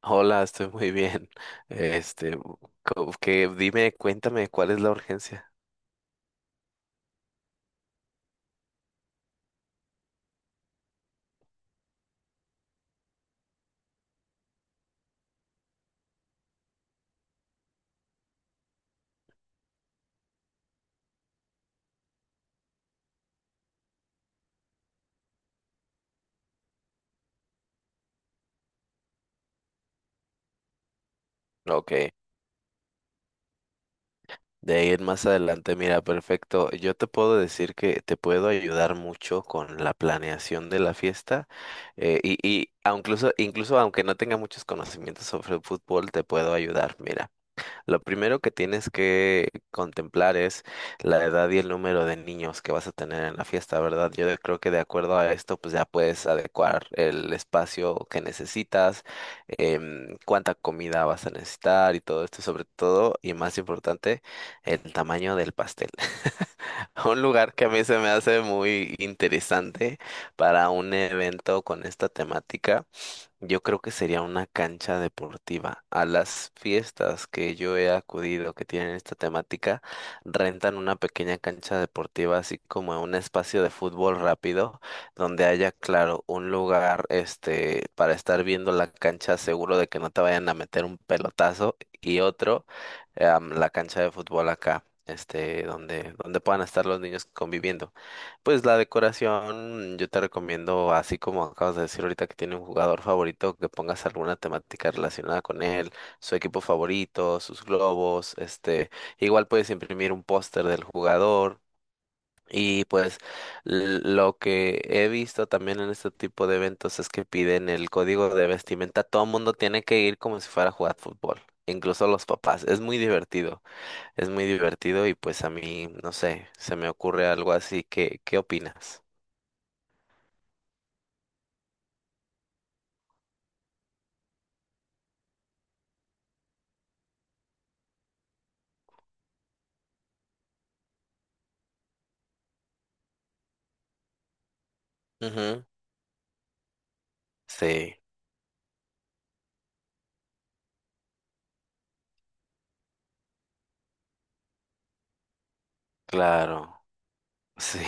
Hola, estoy muy bien. Este, que dime, cuéntame cuál es la urgencia. Ok, de ahí en más adelante, mira, perfecto. Yo te puedo decir que te puedo ayudar mucho con la planeación de la fiesta y incluso, aunque no tenga muchos conocimientos sobre fútbol, te puedo ayudar. Mira. Lo primero que tienes que contemplar es la edad y el número de niños que vas a tener en la fiesta, ¿verdad? Yo creo que de acuerdo a esto, pues ya puedes adecuar el espacio que necesitas, cuánta comida vas a necesitar y todo esto, sobre todo, y más importante, el tamaño del pastel. Un lugar que a mí se me hace muy interesante para un evento con esta temática. Yo creo que sería una cancha deportiva. A las fiestas que yo he acudido que tienen esta temática, rentan una pequeña cancha deportiva, así como un espacio de fútbol rápido, donde haya, claro, un lugar, para estar viendo la cancha, seguro de que no te vayan a meter un pelotazo, y otro, la cancha de fútbol acá, donde puedan estar los niños conviviendo. Pues la decoración, yo te recomiendo, así como acabas de decir ahorita que tiene un jugador favorito, que pongas alguna temática relacionada con él, su equipo favorito, sus globos, igual puedes imprimir un póster del jugador. Y pues lo que he visto también en este tipo de eventos es que piden el código de vestimenta. Todo el mundo tiene que ir como si fuera a jugar fútbol, incluso los papás. Es muy divertido y pues a mí, no sé, se me ocurre algo así. ¿Qué, qué opinas? Ujú, sí, claro, sí,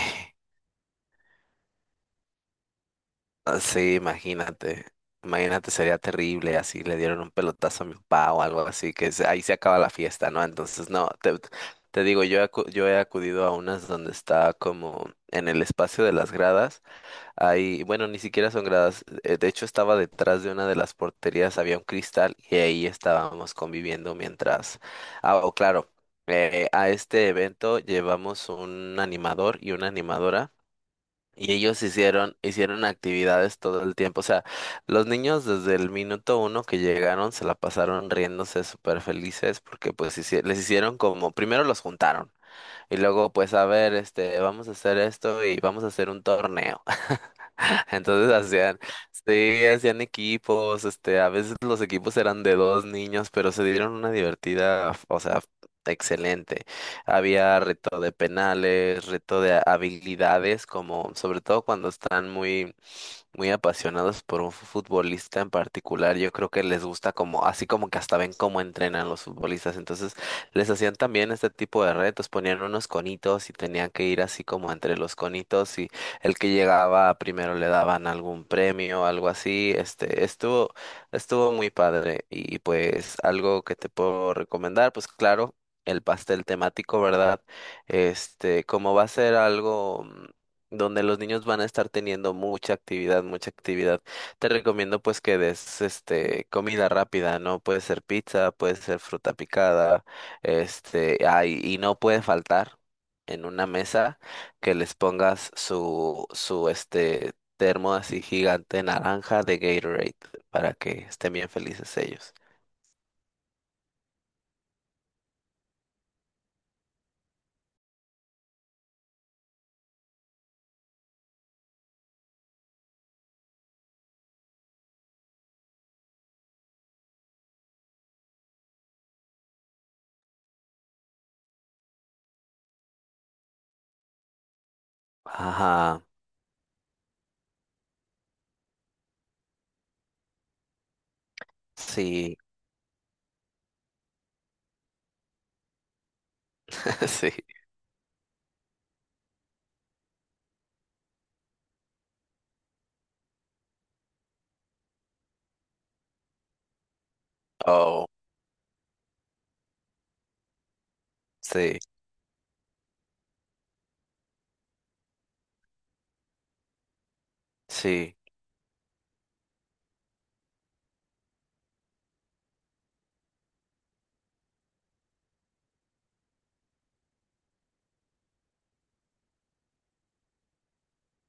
sí, imagínate, imagínate, sería terrible, así le dieron un pelotazo a mi papá o algo así, ahí se acaba la fiesta, ¿no? Entonces, no, te digo, yo he acudido a unas donde está como en el espacio de las gradas. Ahí, bueno, ni siquiera son gradas. De hecho, estaba detrás de una de las porterías, había un cristal y ahí estábamos conviviendo mientras. Ah, oh, claro, a este evento llevamos un animador y una animadora. Y ellos hicieron, hicieron actividades todo el tiempo. O sea, los niños desde el minuto uno que llegaron se la pasaron riéndose súper felices porque pues les hicieron como, primero los juntaron. Y luego, pues, a ver, vamos a hacer esto y vamos a hacer un torneo. Entonces hacían, sí, hacían equipos, a veces los equipos eran de dos niños, pero se dieron una divertida, o sea, excelente. Había reto de penales, reto de habilidades, como sobre todo cuando están muy, muy apasionados por un futbolista en particular, yo creo que les gusta como, así como que hasta ven cómo entrenan los futbolistas, entonces les hacían también este tipo de retos, ponían unos conitos y tenían que ir así como entre los conitos y el que llegaba primero le daban algún premio, algo así. Estuvo, estuvo muy padre y pues algo que te puedo recomendar, pues claro, el pastel temático, ¿verdad? Como va a ser algo donde los niños van a estar teniendo mucha actividad, mucha actividad. Te recomiendo pues que des este comida rápida, ¿no? Puede ser pizza, puede ser fruta picada, y no puede faltar en una mesa que les pongas su este termo así gigante naranja de Gatorade para que estén bien felices ellos. Ajá, sí, sí, oh, sí, sí,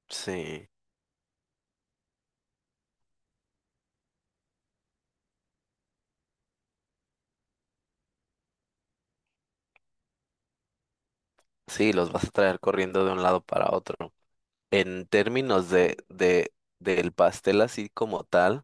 sí, sí, los vas a traer corriendo de un lado para otro. En términos del pastel así como tal.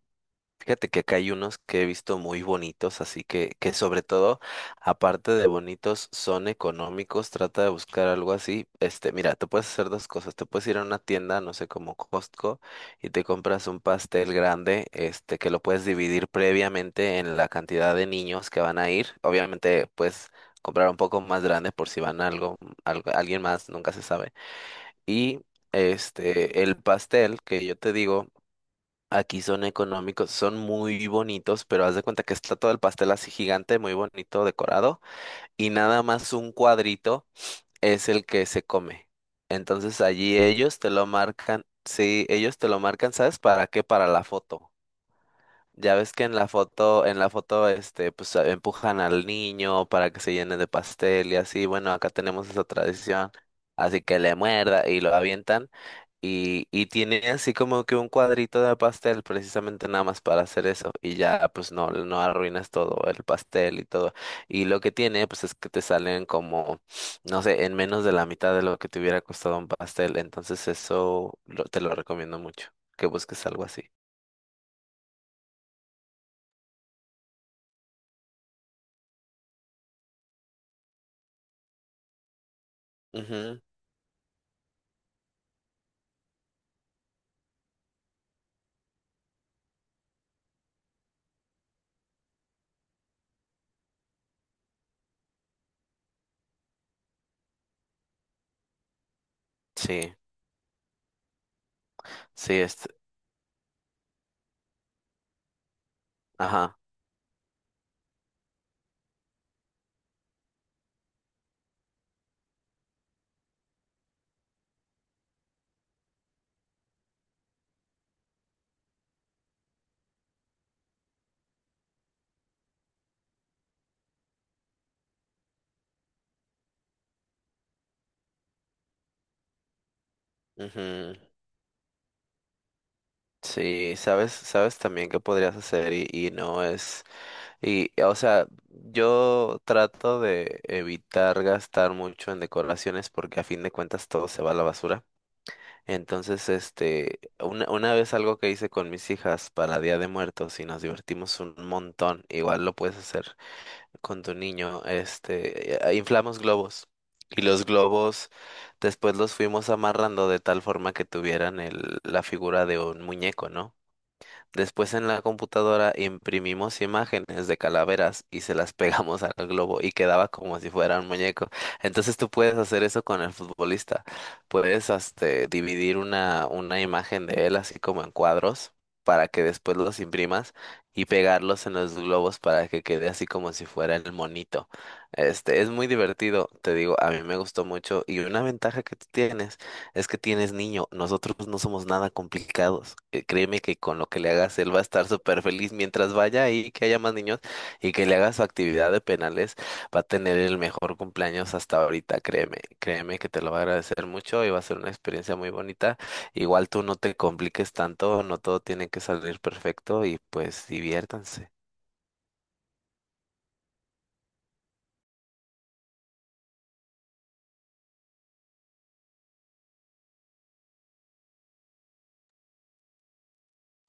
Fíjate que acá hay unos que he visto muy bonitos, así que sobre todo, aparte de bonitos, son económicos. Trata de buscar algo así. Mira, te puedes hacer dos cosas. Te puedes ir a una tienda, no sé, como Costco, y te compras un pastel grande, que lo puedes dividir previamente en la cantidad de niños que van a ir. Obviamente, puedes comprar un poco más grande por si van algo, alguien más, nunca se sabe. Y el pastel que yo te digo. Aquí son económicos, son muy bonitos, pero haz de cuenta que está todo el pastel así gigante, muy bonito, decorado, y nada más un cuadrito es el que se come. Entonces allí ellos te lo marcan, sí, ellos te lo marcan, ¿sabes para qué? Para la foto. Ya ves que en la foto, empujan al niño para que se llene de pastel y así. Bueno, acá tenemos esa tradición, así que le muerda y lo avientan y tiene así como que un cuadrito de pastel precisamente nada más para hacer eso y ya pues no, no arruinas todo el pastel y todo. Y lo que tiene pues es que te salen como, no sé, en menos de la mitad de lo que te hubiera costado un pastel. Entonces eso te lo recomiendo mucho, que busques algo así. Ujú, sí. Sí, este, ajá. Ujú, sí, sabes, sabes también qué podrías hacer no es, o sea, yo trato de evitar gastar mucho en decoraciones porque a fin de cuentas todo se va a la basura. Entonces, una vez algo que hice con mis hijas para Día de Muertos y nos divertimos un montón, igual lo puedes hacer con tu niño. Inflamos globos y los globos después los fuimos amarrando de tal forma que tuvieran la figura de un muñeco, ¿no? Después en la computadora imprimimos imágenes de calaveras y se las pegamos al globo y quedaba como si fuera un muñeco. Entonces tú puedes hacer eso con el futbolista. Puedes este, dividir una imagen de él así como en cuadros para que después los imprimas y pegarlos en los globos para que quede así como si fuera el monito. Es muy divertido, te digo, a mí me gustó mucho y una ventaja que tú tienes. Es que tienes niño, nosotros no somos nada complicados. Créeme que con lo que le hagas, él va a estar súper feliz mientras vaya y que haya más niños y que le hagas su actividad de penales, va a tener el mejor cumpleaños hasta ahorita, créeme, créeme que te lo va a agradecer mucho y va a ser una experiencia muy bonita. Igual tú no te compliques tanto, no todo tiene que salir perfecto y pues diviértanse.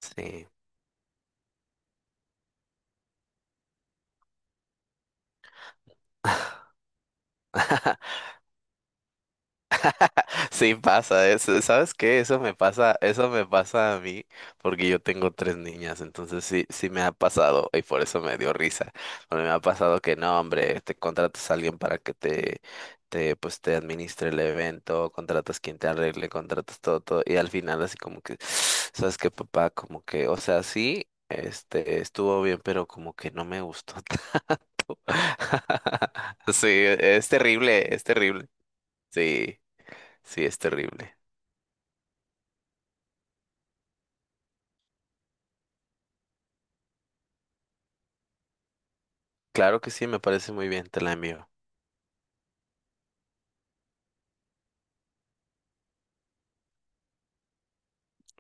Sí. Sí pasa, ¿sabes qué? Eso me pasa a mí porque yo tengo tres niñas, entonces sí, sí me ha pasado y por eso me dio risa, porque me ha pasado que no, hombre, te contratas a alguien para que pues te administre el evento, contratas quien te arregle, contratas todo, todo y al final así como que, ¿sabes qué, papá? Como que, o sea, sí, estuvo bien, pero como que no me gustó. Sí, es terrible, sí, sí, es terrible. Claro que sí, me parece muy bien, te la envío.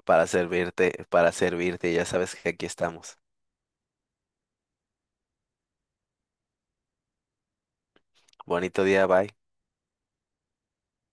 Para servirte, ya sabes que aquí estamos. Bonito día, bye.